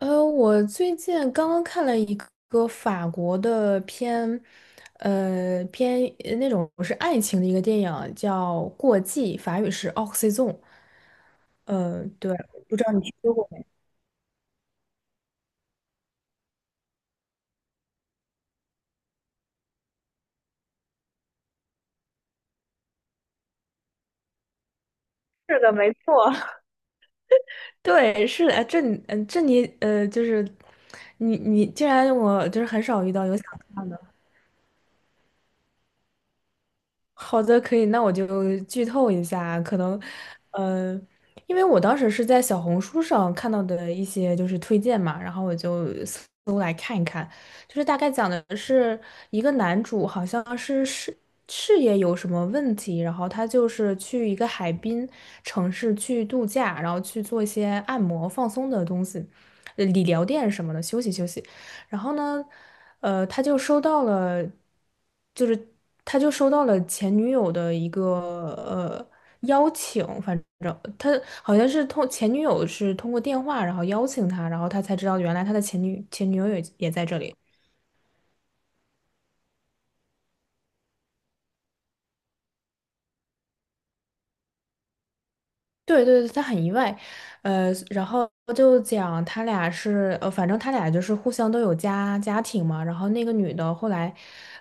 我最近刚刚看了一个法国的片，那种是爱情的一个电影，叫《过季》，法语是《o x y z o n e 对，不知道你听说过没？是的，没错。对，是的，哎这你，嗯，这你，就是你竟然我就是很少遇到有想看的。好的，可以，那我就剧透一下，可能，嗯呃，因为我当时是在小红书上看到的一些就是推荐嘛，然后我就搜来看一看，就是大概讲的是一个男主好像是事业有什么问题，然后他就是去一个海滨城市去度假，然后去做一些按摩放松的东西，理疗店什么的休息休息。然后呢，他就收到了，就是他就收到了前女友的一个呃邀请，反正他好像是通前女友是通过电话，然后邀请他，然后他才知道原来他的前女友也也在这里。对对对，他很意外，然后就讲他俩是，反正他俩就是互相都有家庭嘛，然后那个女的后来，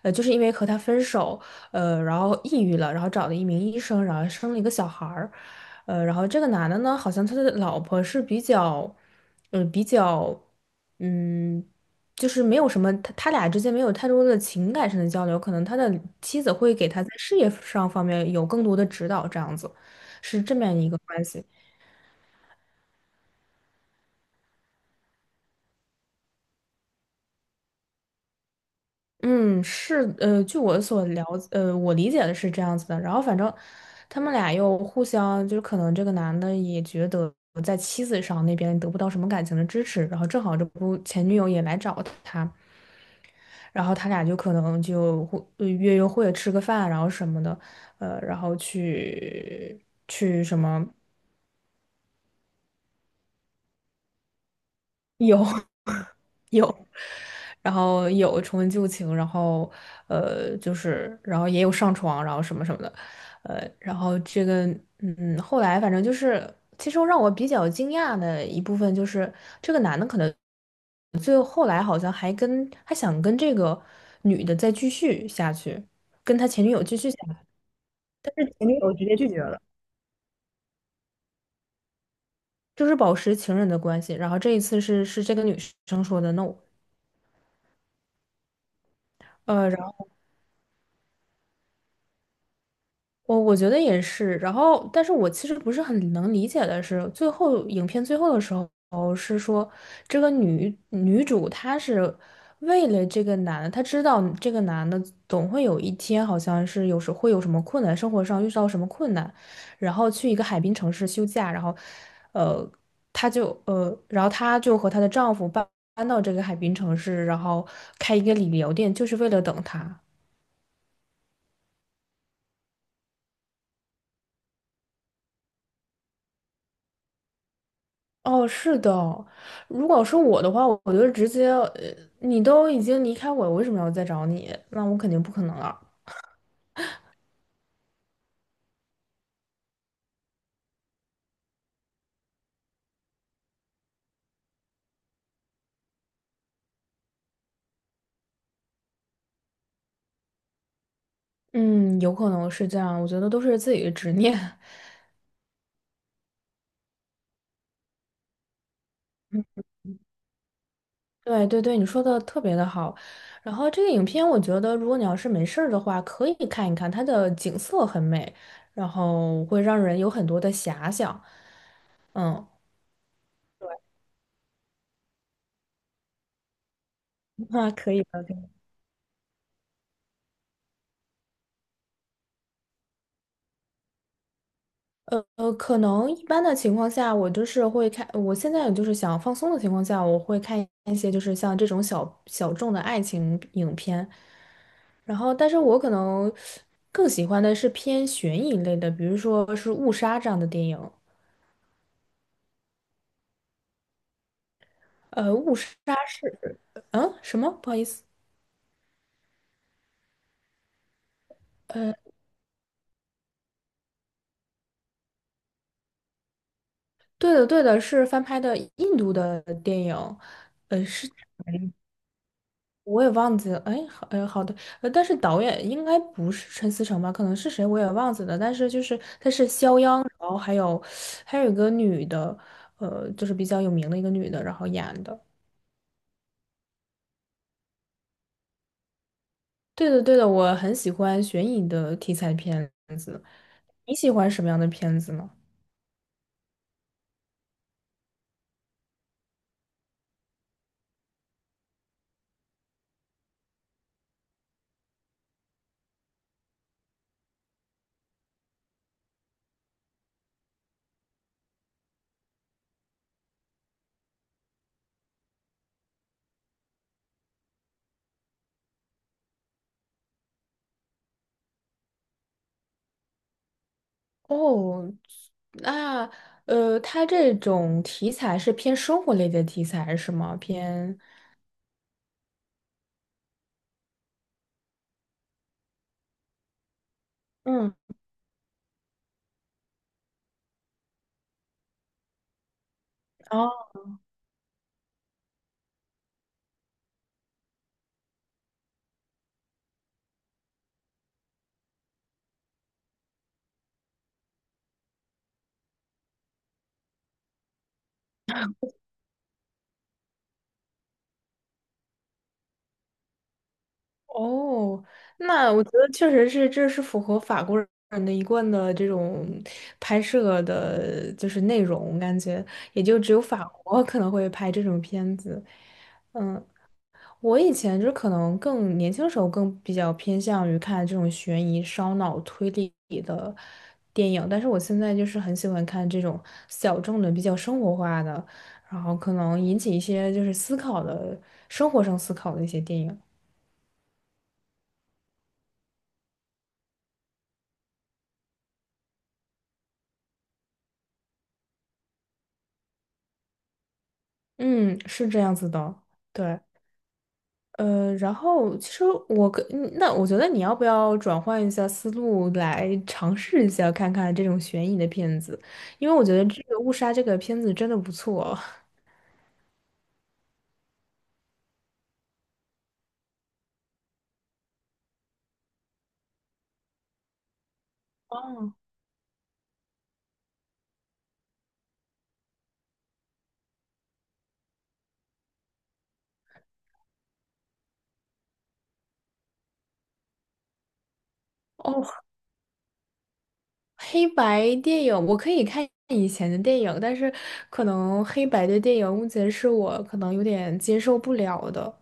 就是因为和他分手，然后抑郁了，然后找了一名医生，然后生了一个小孩儿，然后这个男的呢，好像他的老婆是比较，嗯，比较，嗯，就是没有什么，他他俩之间没有太多的情感上的交流，可能他的妻子会给他在事业上方面有更多的指导，这样子。是这么样一个关系。嗯，是，据我所了，我理解的是这样子的。然后反正他们俩又互相，就是可能这个男的也觉得在妻子上那边得不到什么感情的支持，然后正好这不前女友也来找他，然后他俩就可能就约会、吃个饭，然后什么的，然后去去什么。有 有，然后有重温旧情，然后就是然后也有上床，然后什么什么的，然后这个嗯，后来反正就是，其实让我比较惊讶的一部分就是这个男的可能最后后来好像还跟还想跟这个女的再继续下去，跟他前女友继续下去但是前女友直接拒绝了。就是保持情人的关系。然后这一次是是这个女生说的 no。呃。我我觉得也是，然后，但是我其实不是很能理解的是，最后影片最后的时候是说，这个女女主她是为了这个男的，她知道这个男的总会有一天好像是有时会有什么困难，生活上遇到什么困难，然后去一个海滨城市休假，然后，呃，她就然后她就和她的丈夫搬到这个海滨城市，然后开一个理疗店，就是为了等他。哦，是的，如果是我的话，我我就直接，你都已经离开我，我为什么要再找你？那我肯定不可能了。嗯，有可能是这样，我觉得都是自己的执念。对对对，你说的特别的好。然后这个影片，我觉得如果你要是没事儿的话，可以看一看，它的景色很美，然后会让人有很多的遐想。嗯，那可以的。可能一般的情况下，我就是会看，我现在就是想放松的情况下，我会看一些就是像这种小众的爱情影片，然后，但是我可能更喜欢的是偏悬疑类的，比如说是《误杀》这样的电影。《误杀》是，嗯，什么？不好意思，呃，对的对的，是翻拍的印度的电影，我也忘记了，哎，好，哎，好的，但是导演应该不是陈思诚吧？可能是谁我也忘记了，但是就是他是肖央，然后还有还有一个女的，就是比较有名的一个女的，然后演的。对的，对的，我很喜欢悬疑的题材片子。你喜欢什么样的片子呢？哦，那它这种题材是偏生活类的题材是吗？偏，嗯。哦，那我觉得确实是，这是符合法国人的一贯的这种拍摄的，就是内容，感觉也就只有法国可能会拍这种片子。嗯，我以前就可能更年轻的时候更比较偏向于看这种悬疑、烧脑、推理的电影，但是我现在就是很喜欢看这种小众的、比较生活化的，然后可能引起一些就是思考的、生活上思考的一些电影。嗯，是这样子的，对，然后其实我跟嗯那我觉得你要不要转换一下思路来尝试一下看看这种悬疑的片子，因为我觉得这个《误杀》这个片子真的不错。哦 哦，黑白电影我可以看以前的电影，但是可能黑白的电影目前是我可能有点接受不了的。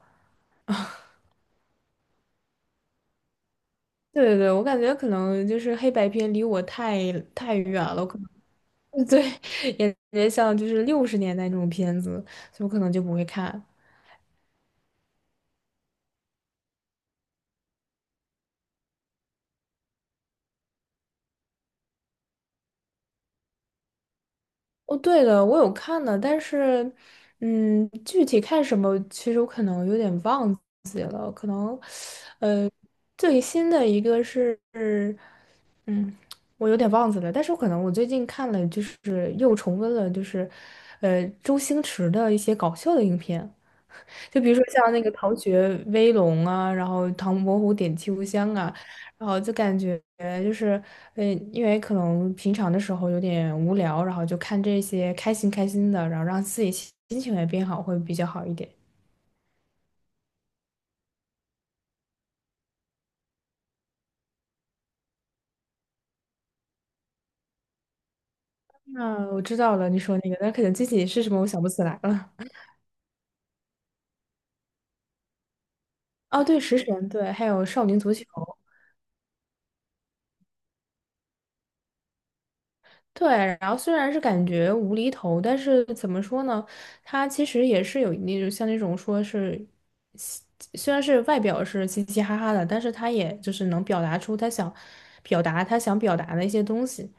对对对，我感觉可能就是黑白片离我太远了，对，也也像就是60年代那种片子，所以我可能就不会看。哦，对了，我有看的，但是，嗯，具体看什么，其实我可能有点忘记可能，呃，最新的一个是，嗯，我有点忘记了，但是我可能我最近看了，就是又重温了，就是，周星驰的一些搞笑的影片。就比如说像那个《逃学威龙》啊，然后《唐伯虎点秋香》啊，然后就感觉就是，嗯，因为可能平常的时候有点无聊，然后就看这些开心开心的，然后让自己心情也变好，会比较好一点。那我知道了，你说那个，但可能具体是什么我想不起来了。哦，对，食神，对，还有少年足球。对，然后虽然是感觉无厘头，但是怎么说呢？他其实也是有那种像那种说是嘻，虽然是外表是嘻嘻哈哈的，但是他也就是能表达出他想表达的一些东西。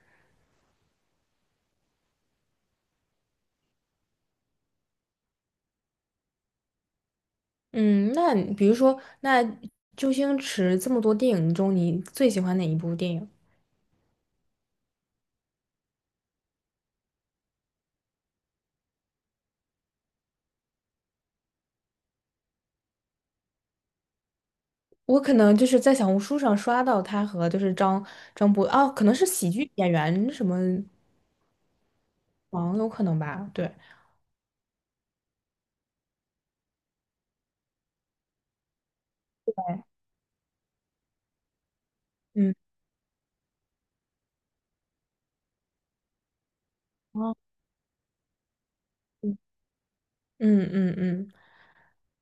嗯，那你比如说，那周星驰这么多电影中，你最喜欢哪一部电影？我可能就是在小红书上刷到他和就是张博哦，可能是喜剧演员什么王有可能吧？对，嗯，哦嗯嗯嗯。嗯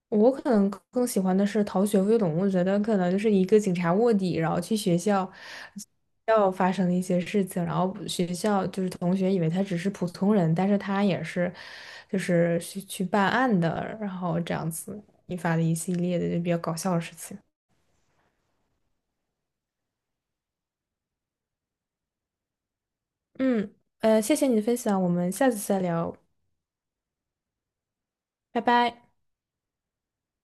我可能更喜欢的是逃学威龙，我觉得可能就是一个警察卧底，然后去学校，要发生的一些事情，然后学校就是同学以为他只是普通人，但是他也是，就是去去办案的，然后这样子引发的一系列的就比较搞笑的事情。嗯，谢谢你的分享，我们下次再聊，拜拜。